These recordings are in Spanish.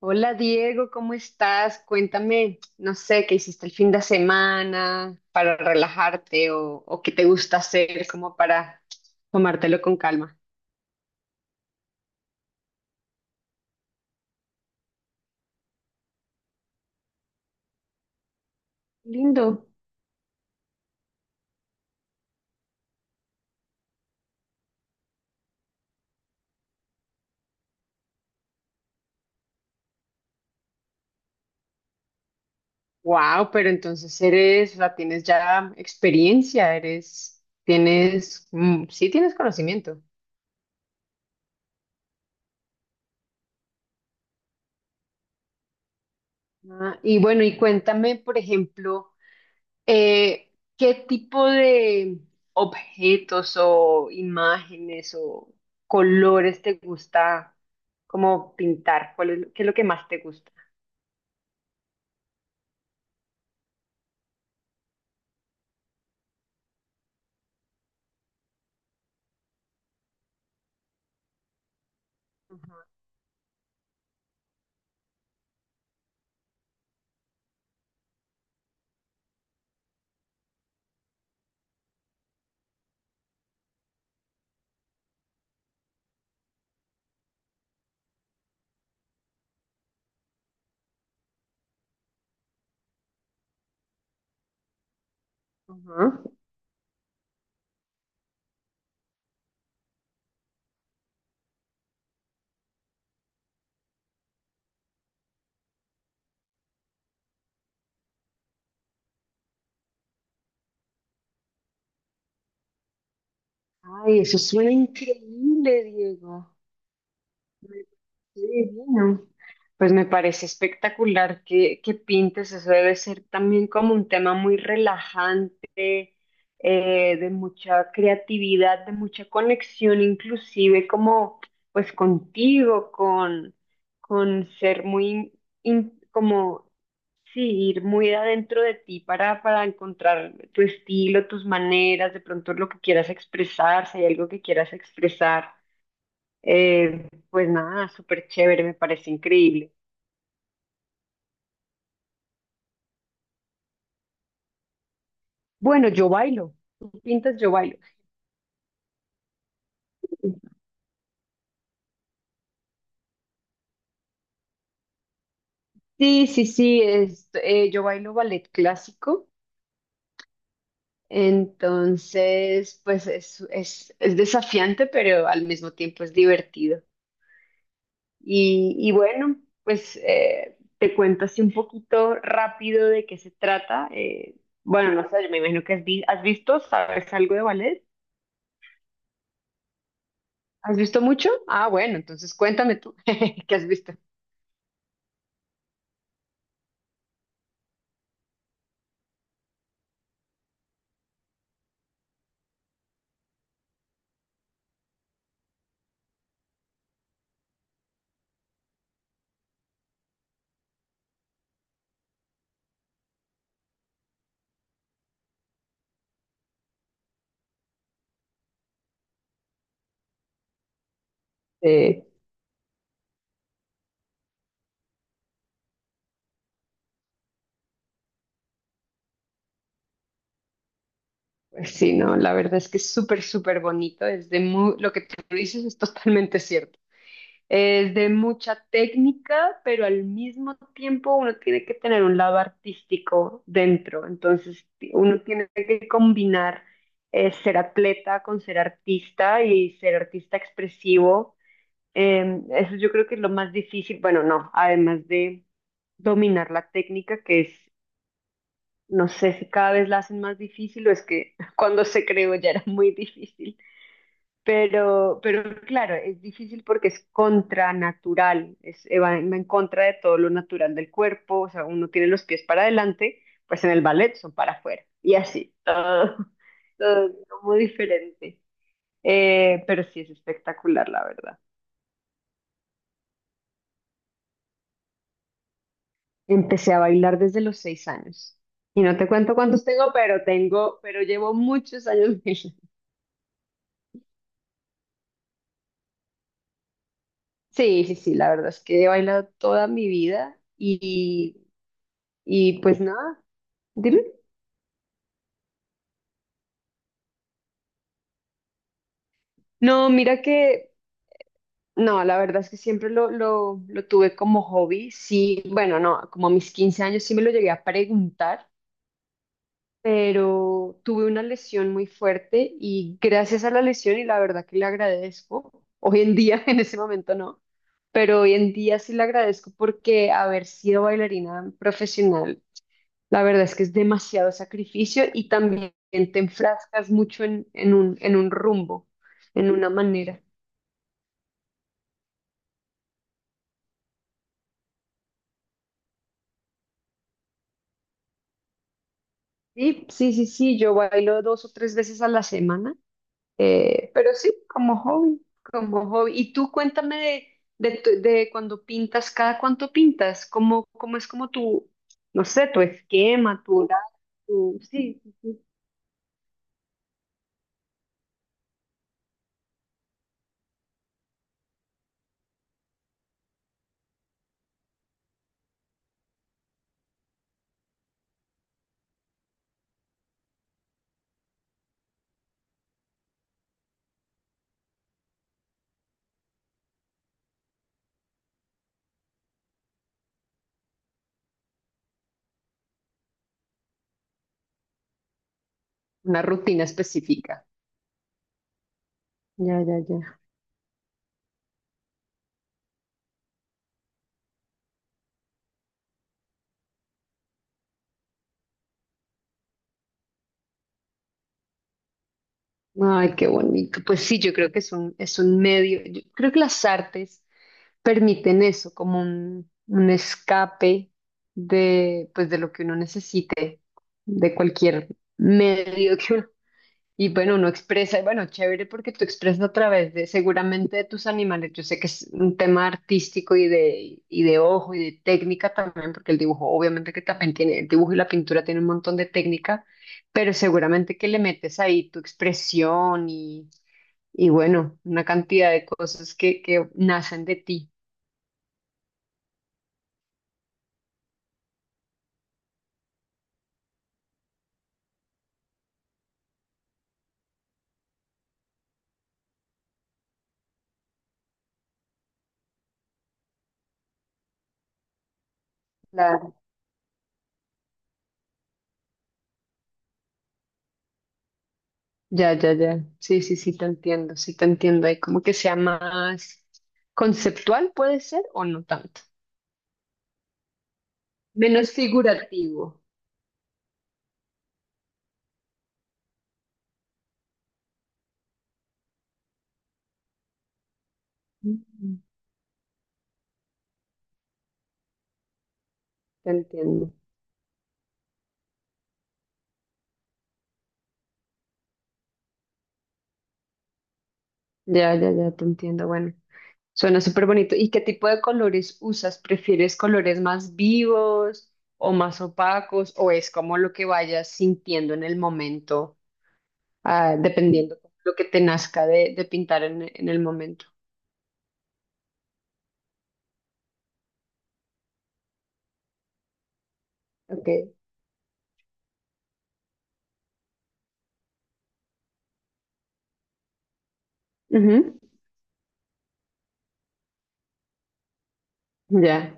Hola Diego, ¿cómo estás? Cuéntame, no sé, ¿qué hiciste el fin de semana para relajarte o qué te gusta hacer como para tomártelo con calma? Lindo. Wow, pero entonces eres, o tienes ya experiencia, eres, tienes, sí tienes conocimiento. Ah, y bueno, y cuéntame, por ejemplo, Eh, ¿qué tipo de objetos o imágenes o colores te gusta como pintar? ¿Cuál es, qué es lo que más te gusta? Ajá, ajá. Ay, eso suena increíble, Diego. Qué divino. Pues me parece espectacular que pintes, eso debe ser también como un tema muy relajante, de mucha creatividad, de mucha conexión, inclusive como pues contigo, con ser muy, como, sí, ir muy adentro de ti para encontrar tu estilo, tus maneras, de pronto lo que quieras expresar, si hay algo que quieras expresar. Pues nada, súper chévere, me parece increíble. Bueno, yo bailo. ¿Tú pintas? Yo bailo. Sí, sí, sí, yo bailo ballet clásico, entonces pues es desafiante, pero al mismo tiempo es divertido. Y bueno, pues te cuento así un poquito rápido de qué se trata. Bueno, no sé, yo me imagino que has visto, ¿sabes algo de ballet? ¿Has visto mucho? Ah, bueno, entonces cuéntame tú, ¿qué has visto? Pues sí, no, la verdad es que es súper, súper bonito. Es de lo que tú dices es totalmente cierto. Es de mucha técnica, pero al mismo tiempo uno tiene que tener un lado artístico dentro. Entonces, uno tiene que combinar ser atleta con ser artista y ser artista expresivo. Eso yo creo que es lo más difícil. Bueno, no, además de dominar la técnica, que es no sé si cada vez la hacen más difícil o es que cuando se creó ya era muy difícil. Pero claro, es difícil porque es contranatural, va en contra de todo lo natural del cuerpo, o sea, uno tiene los pies para adelante, pues en el ballet son para afuera, y así, todo, todo muy diferente. Pero sí es espectacular, la verdad. Empecé a bailar desde los 6 años, y no te cuento cuántos tengo, pero llevo muchos años. Sí, sí, sí, la verdad es que he bailado toda mi vida y pues nada, dime. No, mira que, no, la verdad es que siempre lo tuve como hobby, sí, bueno, no, como a mis 15 años sí me lo llegué a preguntar, pero tuve una lesión muy fuerte y gracias a la lesión y la verdad que le agradezco, hoy en día, en ese momento no, pero hoy en día sí le agradezco porque haber sido bailarina profesional, la verdad es que es demasiado sacrificio y también te enfrascas mucho en un rumbo, en una manera. Sí, sí, sí, sí, yo bailo 2 o 3 veces a la semana, pero sí, como hobby, como hobby. Y tú cuéntame de cuando pintas, cada cuánto pintas, cómo es como tu, no sé, tu esquema, tu horario, sí, sí, sí, una rutina específica. Ya, ya, ya. Ay, qué bonito. Pues sí, yo creo que es un medio. Yo creo que las artes permiten eso, como un escape de, pues, de lo que uno necesite, de cualquier medio que uno, y bueno, uno expresa, y bueno, chévere porque tú expresas a través de, seguramente de tus animales. Yo sé que es un tema artístico y de ojo y de técnica también, porque el dibujo, obviamente que también tiene, el dibujo y la pintura tiene un montón de técnica, pero seguramente que le metes ahí tu expresión y bueno, una cantidad de cosas que nacen de ti. Claro. Ya, ya, ya. Sí, sí, sí, te entiendo, sí, te entiendo. Ahí como que sea más conceptual, puede ser, o no tanto. Menos figurativo. Mm, Te entiendo. Ya, ya, ya, te entiendo. Bueno, suena súper bonito. ¿Y qué tipo de colores usas? ¿Prefieres colores más vivos o más opacos? ¿O es como lo que vayas sintiendo en el momento, dependiendo lo que te nazca de pintar en el momento? Ok. Ujú. Ya.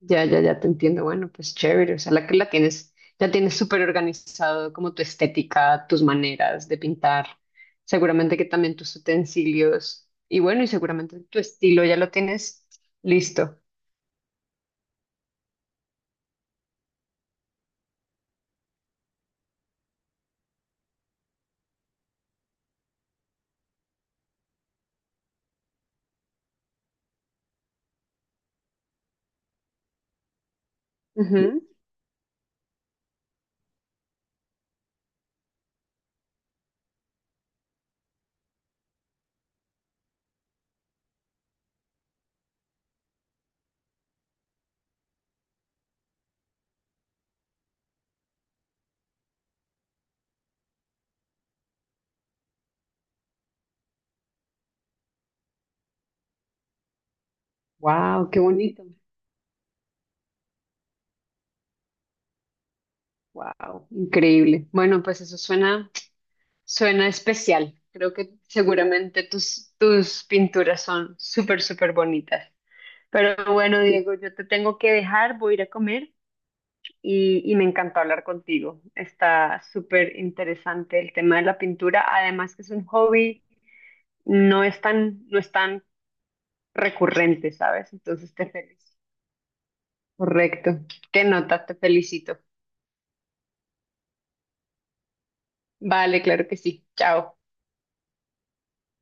Ya, ya, ya te entiendo. Bueno, pues chévere. O sea, la tienes, ya tienes súper organizado como tu estética, tus maneras de pintar. Seguramente que también tus utensilios. Y bueno, y seguramente tu estilo ya lo tienes listo. Wow, qué bonito. Wow, increíble. Bueno, pues eso suena, especial. Creo que seguramente tus pinturas son súper, súper bonitas. Pero bueno, Diego, yo te tengo que dejar, voy a ir a comer. Y me encantó hablar contigo. Está súper interesante el tema de la pintura, además que es un hobby, no es tan recurrente, ¿sabes? Entonces te felicito. Correcto. Qué nota, te felicito. Vale, claro que sí. Chao.